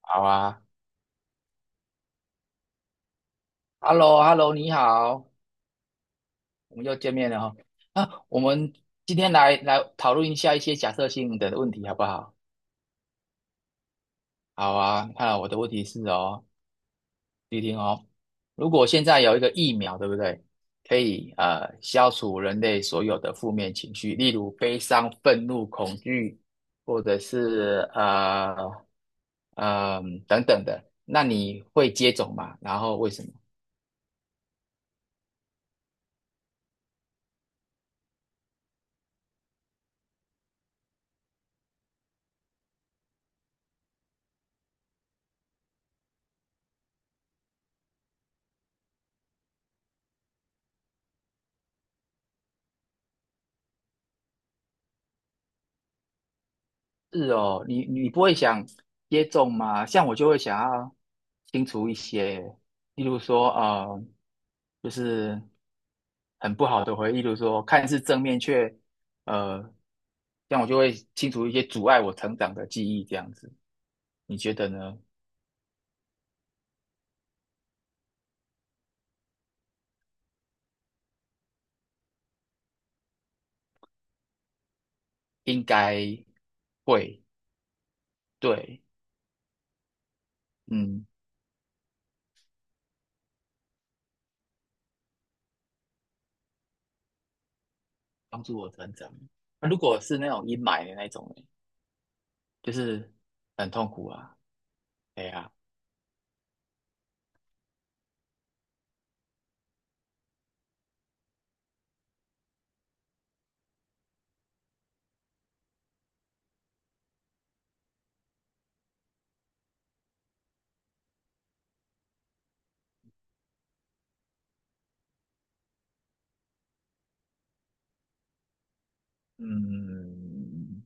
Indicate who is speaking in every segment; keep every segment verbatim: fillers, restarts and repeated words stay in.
Speaker 1: 好啊，h e l l o h e l l o 你好，我们又见面了哈、哦。啊，我们今天来来讨论一下一些假设性的问题，好不好？好啊，你看啊我的问题是哦，你听哦，如果现在有一个疫苗，对不对？可以呃消除人类所有的负面情绪，例如悲伤、愤怒、恐惧，或者是呃嗯、等等的，那你会接种吗？然后为什么？是哦，你你不会想接种吗？像我就会想要清除一些，例如说呃，就是很不好的回忆，例如说看似正面却呃，这样我就会清除一些阻碍我成长的记忆，这样子，你觉得呢？应该会，对，嗯，帮助我成长。那如果是那种阴霾的那种呢，就是很痛苦啊，哎呀，嗯。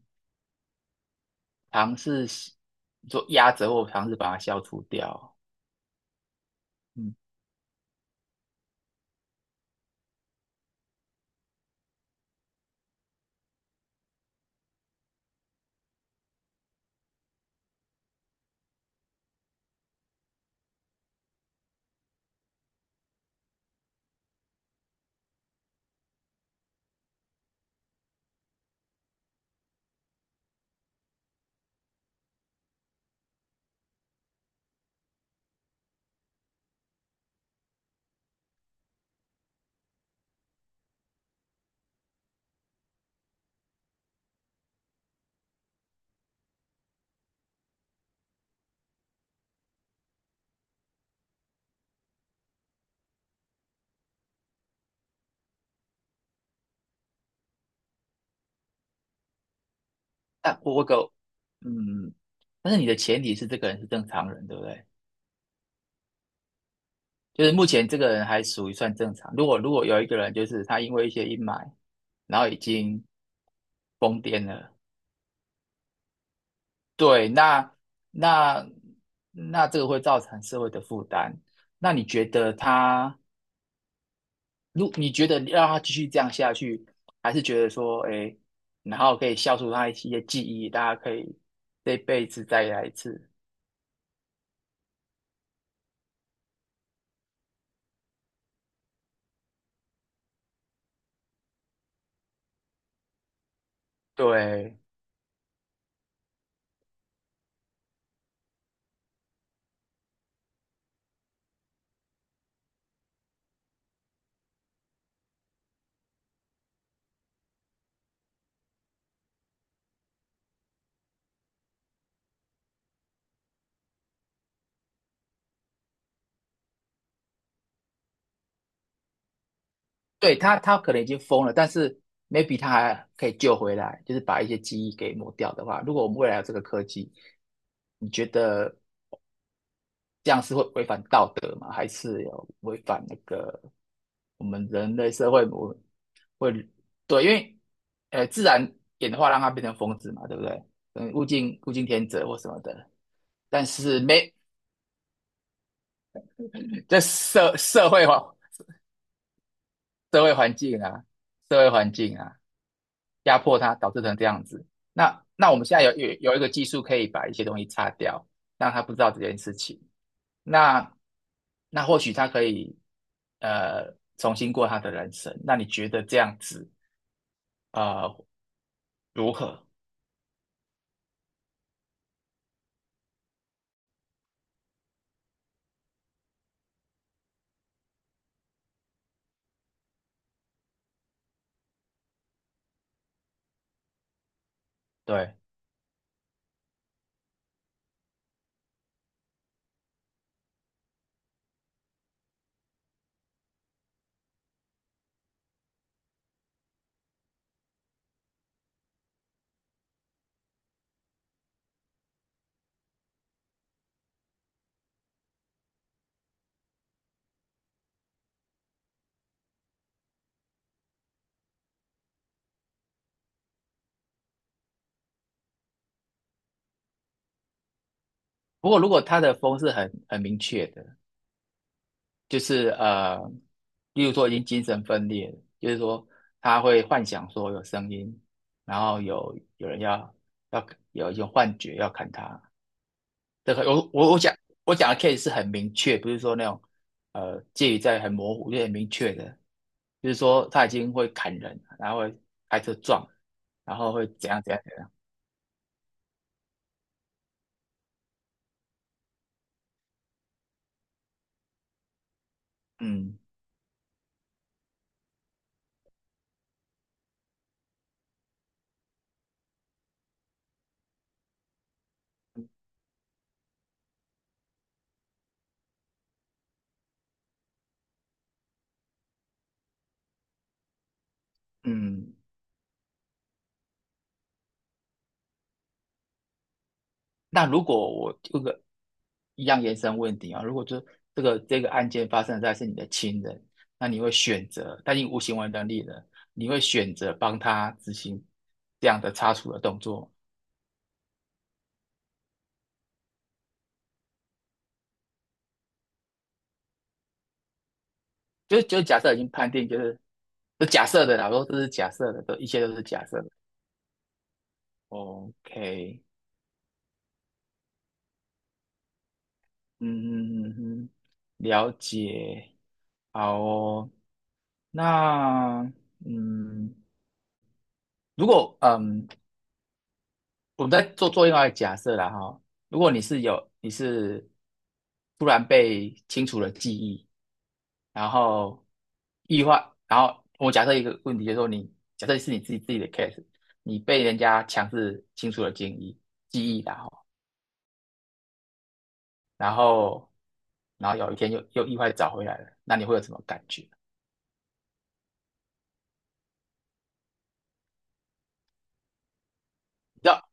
Speaker 1: 尝试做压折或尝试把它消除掉。嗯，但我我个嗯，但是你的前提是这个人是正常人，对不对？就是目前这个人还属于算正常。如果如果有一个人，就是他因为一些阴霾，然后已经疯癫了，对，那那那这个会造成社会的负担。那你觉得他？如你觉得让他继续这样下去，还是觉得说，哎，然后可以消除他一些记忆，大家可以这辈子再来一次。对，对他，他可能已经疯了，但是 maybe 他还可以救回来，就是把一些记忆给抹掉的话，如果我们未来有这个科技，你觉得这样是会违反道德吗？还是有违反那个我们人类社会我会对，因为呃自然演化让它变成疯子嘛，对不对？嗯，物竞物竞天择或什么的，但是没这社社会环社会环境啊，社会环境啊，压迫他，导致成这样子。那那我们现在有有有一个技术可以把一些东西擦掉，让他不知道这件事情。那那或许他可以呃重新过他的人生。那你觉得这样子呃如何？对。不过如果他的风是很很明确的，就是呃，例如说已经精神分裂了就是说他会幻想说有声音，然后有有人要要有一种幻觉要砍他，对，我我我讲我讲的 case 是很明确，不是说那种呃介于在很模糊，就很明确的，就是说他已经会砍人，然后会开车撞，然后会怎样怎样怎样。嗯嗯，那如果我这个一样延伸问题啊，如果就这个这个案件发生在是你的亲人，那你会选择，但你无行为能力了，你会选择帮他执行这样的擦除的动作吗就就假设已经判定，就是就假设的啦，都是假设的，都一切都是假设的。OK，嗯嗯嗯嗯，了解，好哦。那嗯，如果嗯，我们再做做另外一个假设啦哈，如果你是有你是突然被清除了记忆，然后意外。然后我假设一个问题，就是说你假设是你自己自己的 case，你被人家强制清除了记忆记忆啦然后，然后然后有一天又又意外地找回来了，那你会有什么感觉？你知道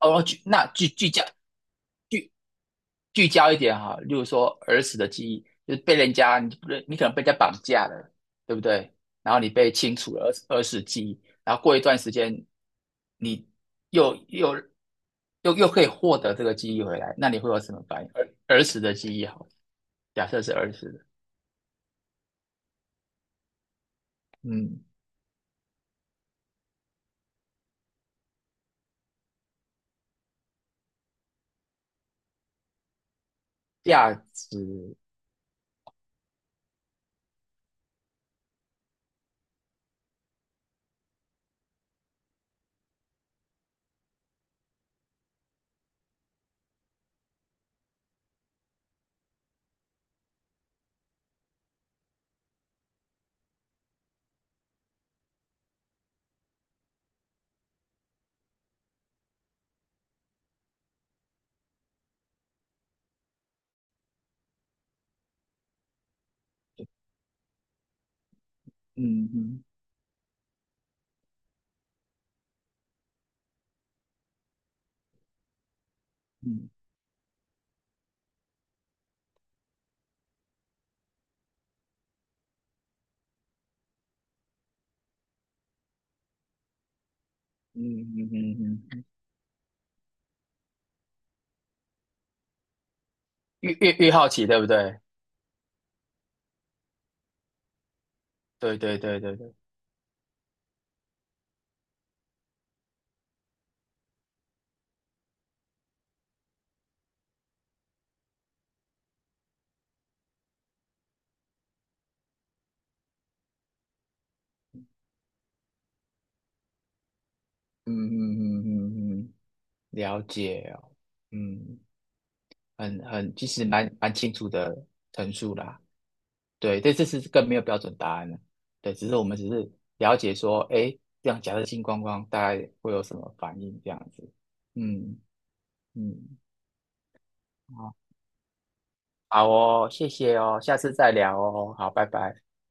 Speaker 1: 哦，具那具具象聚焦一点哈，例如说儿时的记忆，就是被人家你你可能被人家绑架了，对不对？然后你被清除了儿儿时记忆，然后过一段时间，你又又又又可以获得这个记忆回来，那你会有什么反应？儿儿时的记忆好，假设是儿时的，嗯，价值，嗯嗯嗯嗯嗯嗯嗯，越越越好奇，对不对？对对对对对，嗯嗯嗯嗯嗯，了解哦，嗯。很很其实蛮蛮清楚的陈述啦。对，对，这是更没有标准答案了。对，只是我们只是了解说，哎，这样假设金光光大概会有什么反应这样子。嗯嗯，好，好哦，谢谢哦，下次再聊哦，好，拜拜。